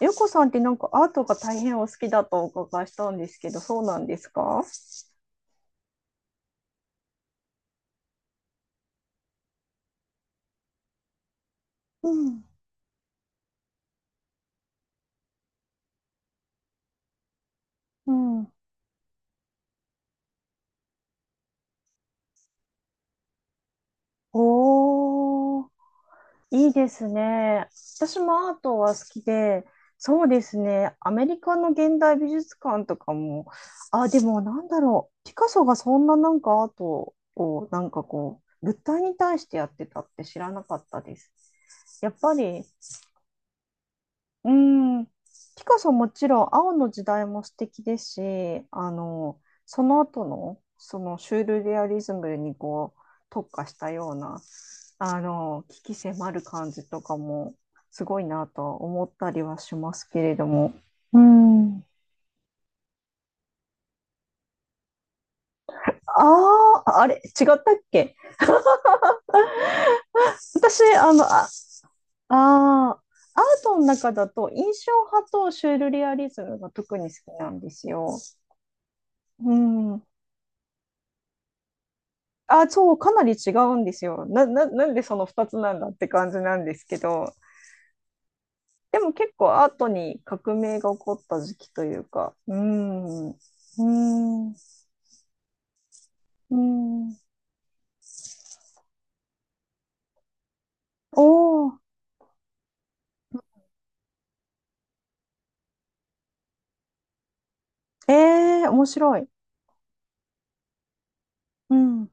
よこさんってなんかアートが大変お好きだとお伺いしたんですけど、そうなんですか？うんうん。おー、いいですね。私もアートは好きで、そうですね。アメリカの現代美術館とかも。あ、でもなんだろう。ピカソがそんななんかアートをなんかこう、物体に対してやってたって知らなかったです。やっぱり。うん、ピカソもちろん青の時代も素敵ですし、その後の、そのシュールレアリズムにこう特化したような、鬼気迫る感じとかもすごいなとは思ったりはしますけれども。うん。ああ、あれ、違ったっけ？私、あー、アートの中だと印象派とシュールレアリズムが特に好きなんですよ。うん。あ、そう、かなり違うんですよ。なんでその2つなんだって感じなんですけど、でも結構アートに革命が起こった時期というか。ーん、うーん。おー、えー、面白い。うん。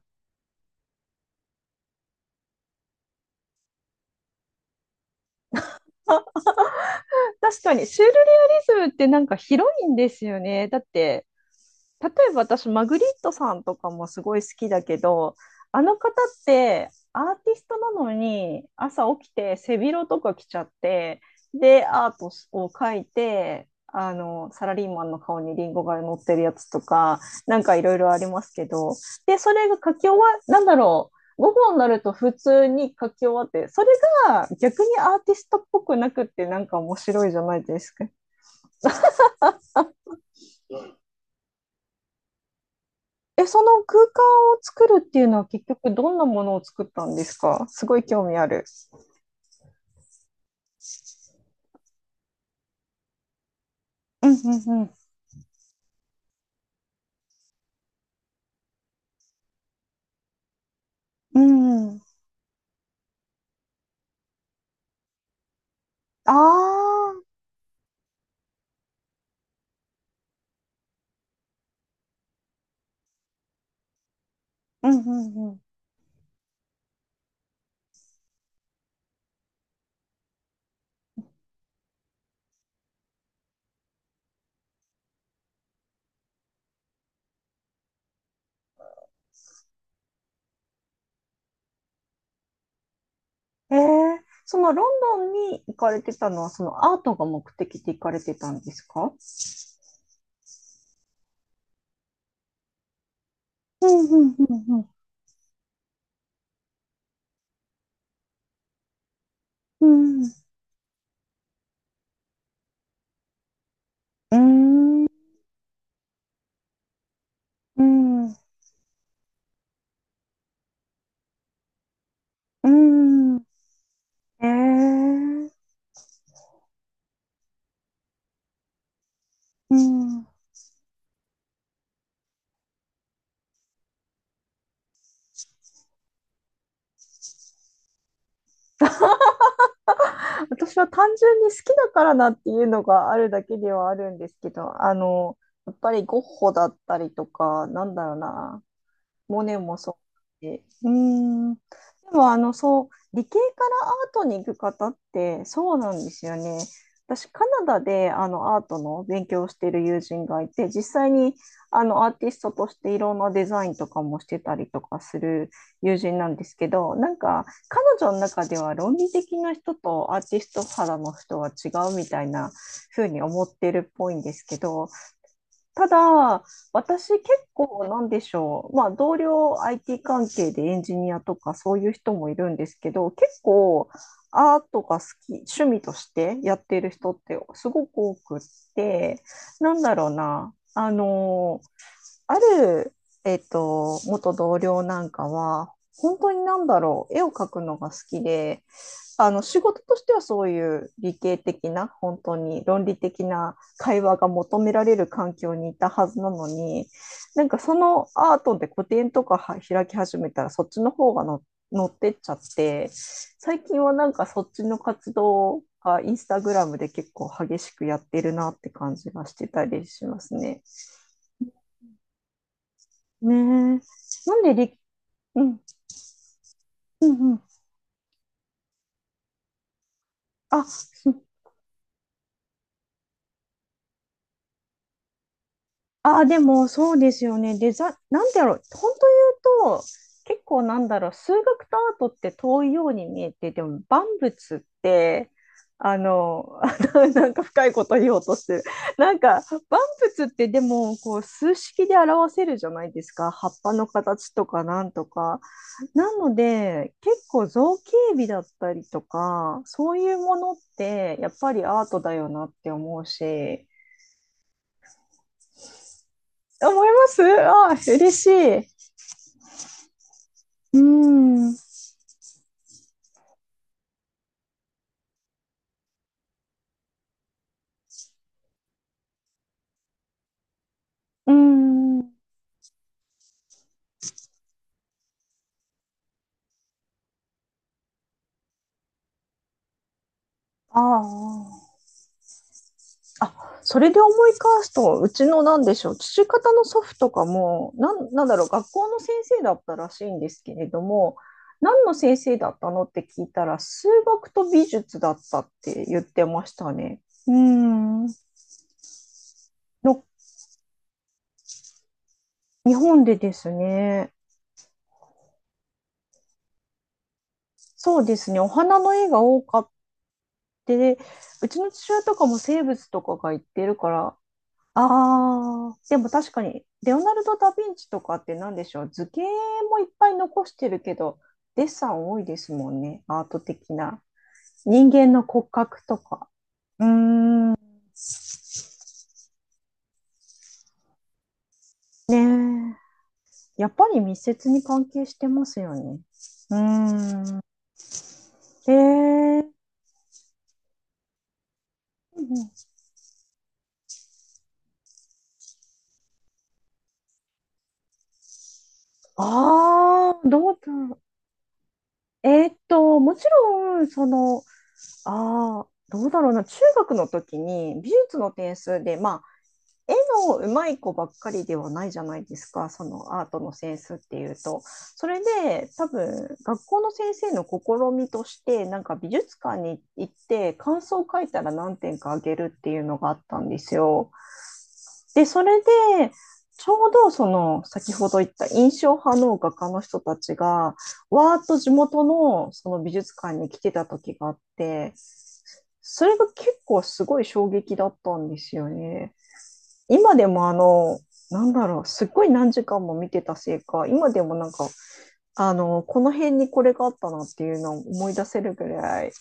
確かに、シュールレアリズムってなんか広いんですよね。だって、例えば私、マグリットさんとかもすごい好きだけど、あの方ってアーティストなのに朝起きて背広とか着ちゃって、で、アートを描いて、サラリーマンの顔にリンゴが乗ってるやつとか、なんかいろいろありますけど、で、それが書き終わ、なんだろう、午後になると普通に書き終わって、それが逆にアーティストっぽくなくってなんか面白いじゃないですか。え、その空間を作るっていうのは結局どんなものを作ったんですか？すごい興味ある。うんうんうん。うん。ああ、うんうんうん。そのロンドンに行かれてたのはそのアートが目的で行かれてたんですか？うんうんうんうん。うーん、うん。うん。うん。ええ。うん。私は単純に好きだからなっていうのがあるだけではあるんですけど、やっぱりゴッホだったりとか、なんだろうな。モネもそうだし。うーん。でも、そう、理系からアートに行く方って、そうなんですよね。私、カナダで、アートの勉強をしている友人がいて、実際に、アーティストとしていろんなデザインとかもしてたりとかする友人なんですけど、なんか、彼女の中では論理的な人とアーティスト肌の人は違うみたいな風に思ってるっぽいんですけど、ただ、私結構なんでしょう。まあ、同僚 IT 関係でエンジニアとかそういう人もいるんですけど、結構アートが好き、趣味としてやっている人ってすごく多くって、なんだろうな。ある、元同僚なんかは、本当になんだろう、絵を描くのが好きで、あの仕事としてはそういう理系的な本当に論理的な会話が求められる環境にいたはずなのに、なんかそのアートで個展とかは開き始めたらそっちの方がの乗ってっちゃって、最近はなんかそっちの活動がインスタグラムで結構激しくやってるなって感じがしてたりしますね。ねえ、なんで理、うん、うんうん、あ、すああ、でもそうですよね。なんだろう、本当言うと、結構なんだろう、数学とアートって遠いように見えて、でも万物って、あの、なんか深いこと言おうとしてる。なんか万物ってでもこう数式で表せるじゃないですか。葉っぱの形とかなんとか。なので、結構造形美だったりとか、そういうものってやっぱりアートだよなって思うし、思います。ああ、嬉しい。うーん、うーん、ああ、あ、それで思い返すと、うちのなんでしょう、父方の祖父とかも、なんだろう、学校の先生だったらしいんですけれども、何の先生だったのって聞いたら、数学と美術だったって言ってましたね。うーん、の、日本でですね、そうですね、お花の絵が多かって、うちの父親とかも生物とかが言ってるから、ああ、でも確かに、レオナルド・ダ・ヴィンチとかって何でしょう、図形もいっぱい残してるけど、デッサン多いですもんね、アート的な。人間の骨格とか。うーん、ねえ、やっぱり密接に関係してますよね。うーん、えー、ああ、どうだろう。もちろん、ああ、どうだろうな、中学の時に美術の点数で、絵の上手い子ばっかりではないじゃないですか、そのアートのセンスっていうと。それで多分学校の先生の試みとしてなんか美術館に行って感想を書いたら何点かあげるっていうのがあったんですよ。で、それでちょうどその先ほど言った印象派の画家の人たちがわーっと地元のその美術館に来てた時があって、それが結構すごい衝撃だったんですよね。今でもなんだろう、すっごい何時間も見てたせいか、今でもなんか、この辺にこれがあったなっていうのを思い出せるぐらい、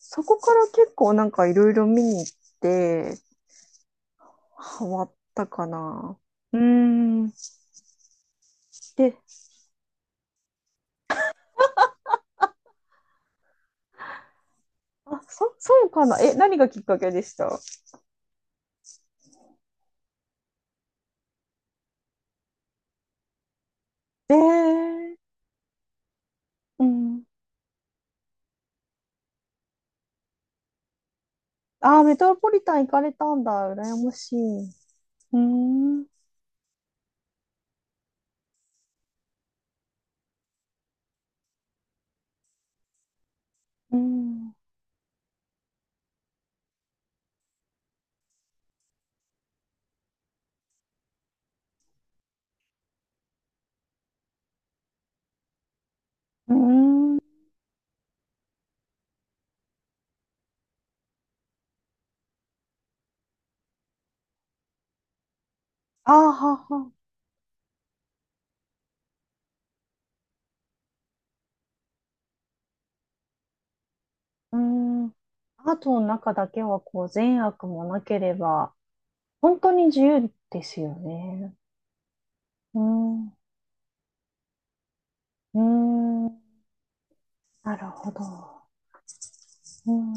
そこから結構なんかいろいろ見に行って、ハマったかな。うーん。で、あ、そうかな。え、何がきっかけでした？えー、うん。あー、メトロポリタン行かれたんだ。羨ましい。うーん。うん。うーん。あーはは。うーん、アートの中だけはこう善悪もなければ、本当に自由ですよね。うーん、うーん、なるほど。うーん